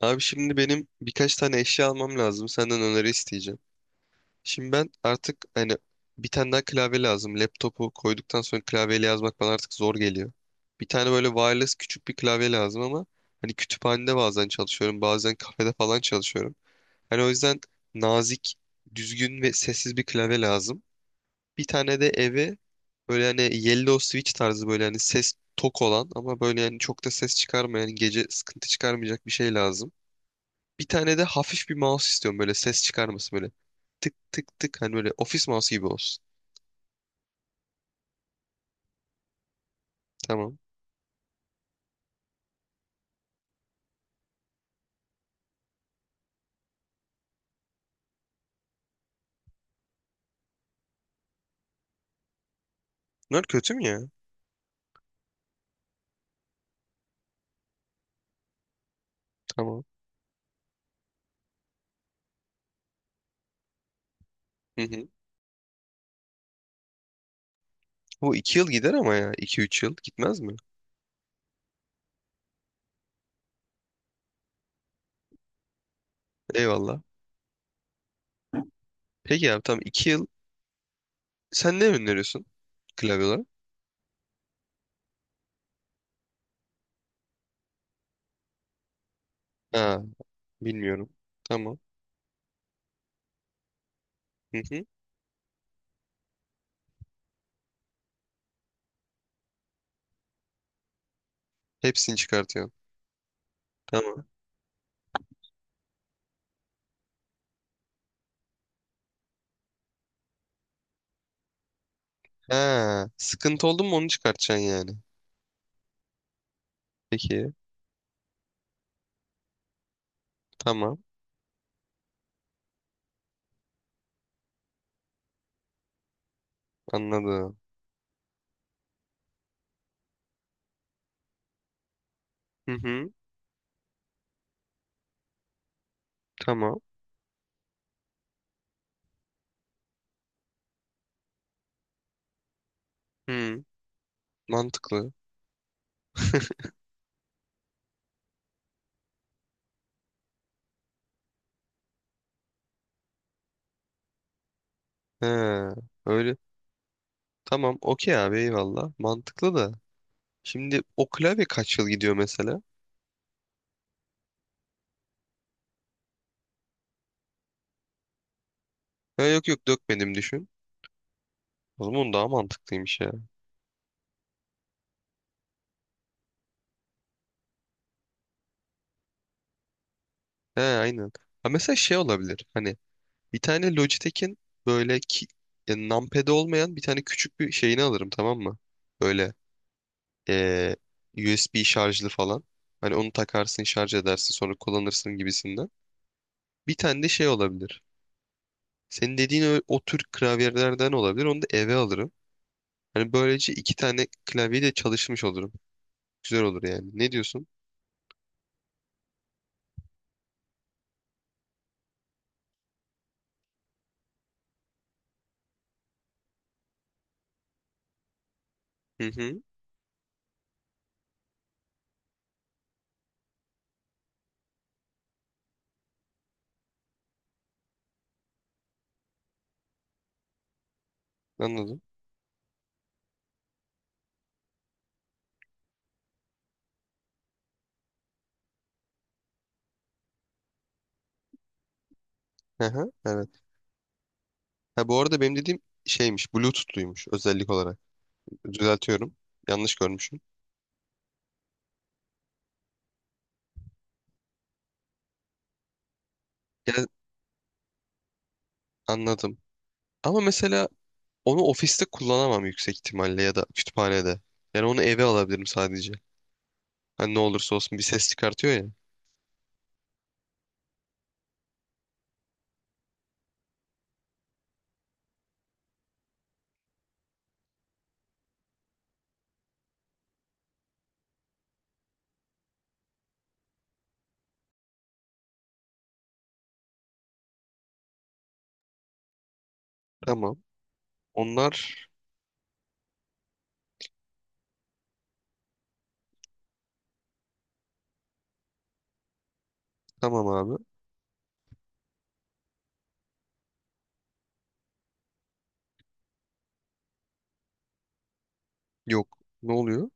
Abi şimdi benim birkaç tane eşya almam lazım. Senden öneri isteyeceğim. Şimdi ben artık hani bir tane daha klavye lazım. Laptopu koyduktan sonra klavyeyle yazmak bana artık zor geliyor. Bir tane böyle wireless küçük bir klavye lazım ama hani kütüphanede bazen çalışıyorum, bazen kafede falan çalışıyorum. Hani o yüzden nazik, düzgün ve sessiz bir klavye lazım. Bir tane de eve böyle hani yellow switch tarzı böyle hani ses tok olan ama böyle yani çok da ses çıkarmayan, gece sıkıntı çıkarmayacak bir şey lazım. Bir tane de hafif bir mouse istiyorum böyle ses çıkarması böyle. Tık tık tık hani böyle ofis mouse gibi olsun. Tamam. Bunlar kötü mü ya? Tamam. Hı hı. Bu iki yıl gider ama ya. İki üç yıl gitmez mi? Eyvallah. Peki abi tamam iki yıl. Sen ne öneriyorsun klavye olarak? Ha, bilmiyorum. Tamam. Hı hı. Hepsini çıkartıyorsun. Tamam. Ha, sıkıntı oldu mu onu çıkartacaksın yani. Peki. Tamam. Anladım. Hı hı. Tamam. Hı. Mantıklı. He. Öyle. Tamam okey abi eyvallah. Mantıklı da. Şimdi o klavye kaç yıl gidiyor mesela? Ha, yok yok dökmedim düşün. O zaman daha mantıklıymış ya. He aynen. Ha, mesela şey olabilir. Hani bir tane Logitech'in böyle ki, ya, numpad'i olmayan bir tane küçük bir şeyini alırım tamam mı? Böyle eee, USB şarjlı falan. Hani onu takarsın şarj edersin sonra kullanırsın gibisinden. Bir tane de şey olabilir. Senin dediğin o tür klavyelerden olabilir. Onu da eve alırım. Hani böylece iki tane klavye de çalışmış olurum. Güzel olur yani. Ne diyorsun? Hı hı. Anladım. Hı hı. Evet. Ha bu arada benim dediğim şeymiş. Bluetooth'luymuş özellik olarak. Düzeltiyorum. Yanlış görmüşüm. Ya, anladım. Ama mesela onu ofiste kullanamam yüksek ihtimalle ya da kütüphanede. Yani onu eve alabilirim sadece. Hani ne olursa olsun bir ses çıkartıyor ya. Tamam. Onlar tamam abi. Yok. Ne oluyor?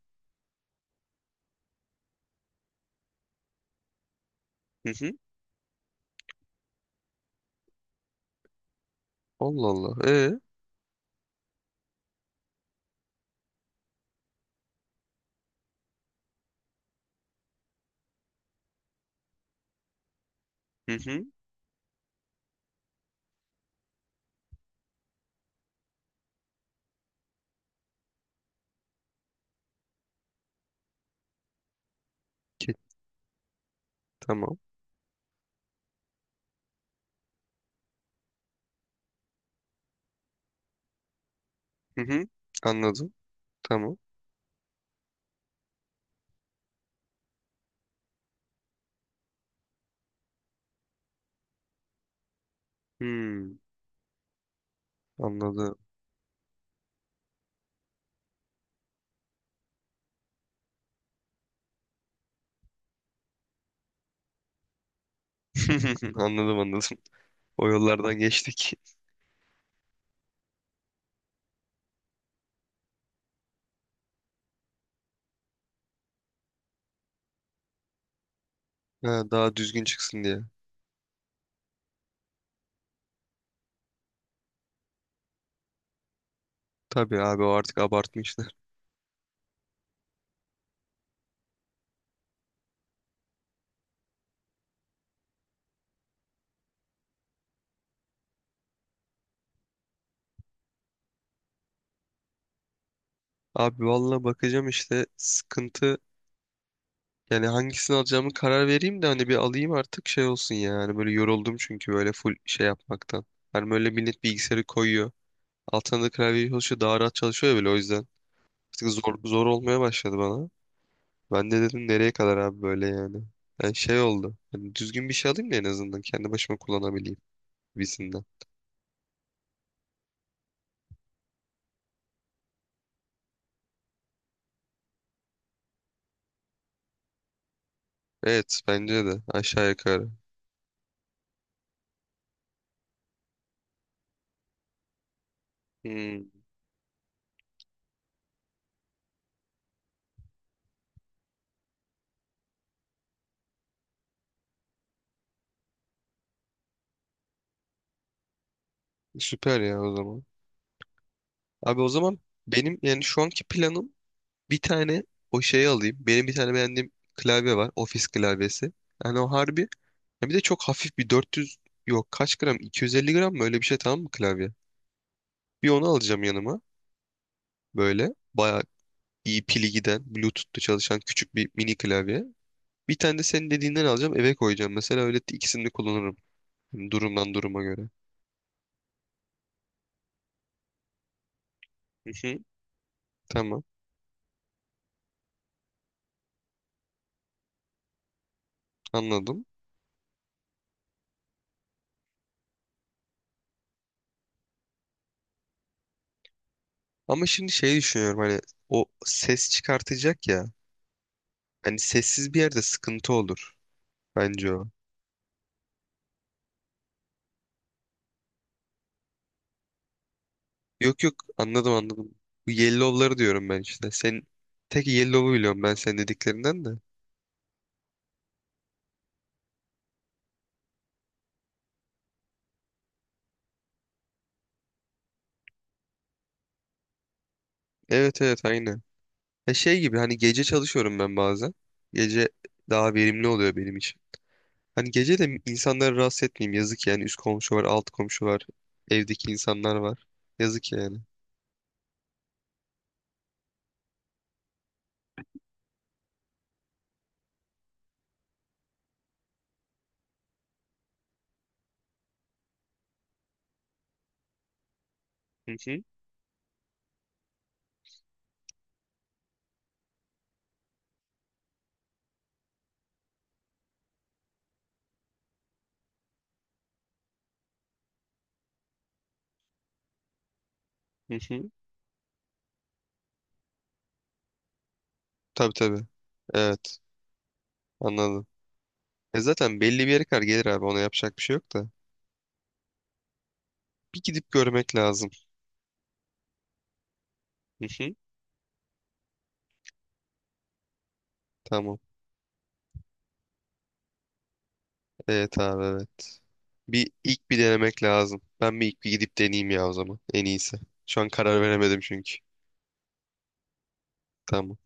Hı hı. Allah Allah. Ee? Hı hı. Ki- Tamam. Hı hı. Anladım. Tamam. Hmm, anladım. Anladım anladım. O yollardan geçtik. Ha, daha düzgün çıksın diye. Tabii abi o artık abartmışlar. Abi valla bakacağım işte sıkıntı yani hangisini alacağımı karar vereyim de hani bir alayım artık şey olsun ya. Hani böyle yoruldum çünkü böyle full şey yapmaktan. Hani böyle millet bilgisayarı koyuyor. Altına da klavye çalışıyor daha rahat çalışıyor ya böyle o yüzden. Artık zor, zor olmaya başladı bana. Ben de dedim nereye kadar abi böyle yani. Yani şey oldu. Hani düzgün bir şey alayım da en azından kendi başıma kullanabileyim. Visinden. Evet bence de aşağı yukarı. Hmm, süper ya o zaman. Abi o zaman benim yani şu anki planım bir tane o şeyi alayım. Benim bir tane beğendiğim klavye var. Ofis klavyesi. Yani o harbi. Ya bir de çok hafif bir 400 yok kaç gram 250 gram mı öyle bir şey tamam mı klavye? Bir onu alacağım yanıma. Böyle bayağı iyi pili giden Bluetooth'ta çalışan küçük bir mini klavye. Bir tane de senin dediğinden alacağım eve koyacağım. Mesela öyle ikisini de kullanırım. Yani durumdan duruma göre. Hı hı. Tamam anladım. Ama şimdi şey düşünüyorum hani o ses çıkartacak ya. Hani sessiz bir yerde sıkıntı olur bence o. Yok yok anladım anladım. Bu yellow'ları diyorum ben işte. Sen tek yellow'u biliyorum ben senin dediklerinden de. Evet evet aynı. E şey gibi hani gece çalışıyorum ben bazen. Gece daha verimli oluyor benim için. Hani gece de insanları rahatsız etmeyeyim yazık yani. Üst komşu var, alt komşu var. Evdeki insanlar var. Yazık yani. Hı hı hı hı. Tabii tabii. Evet anladım. E zaten belli bir yere kadar gelir abi ona yapacak bir şey yok da. Bir gidip görmek lazım. Hı hı. Tamam. Evet abi evet. Bir ilk bir denemek lazım. Ben bir ilk bir gidip deneyeyim ya o zaman. En iyisi. Şu an karar veremedim çünkü. Tamam.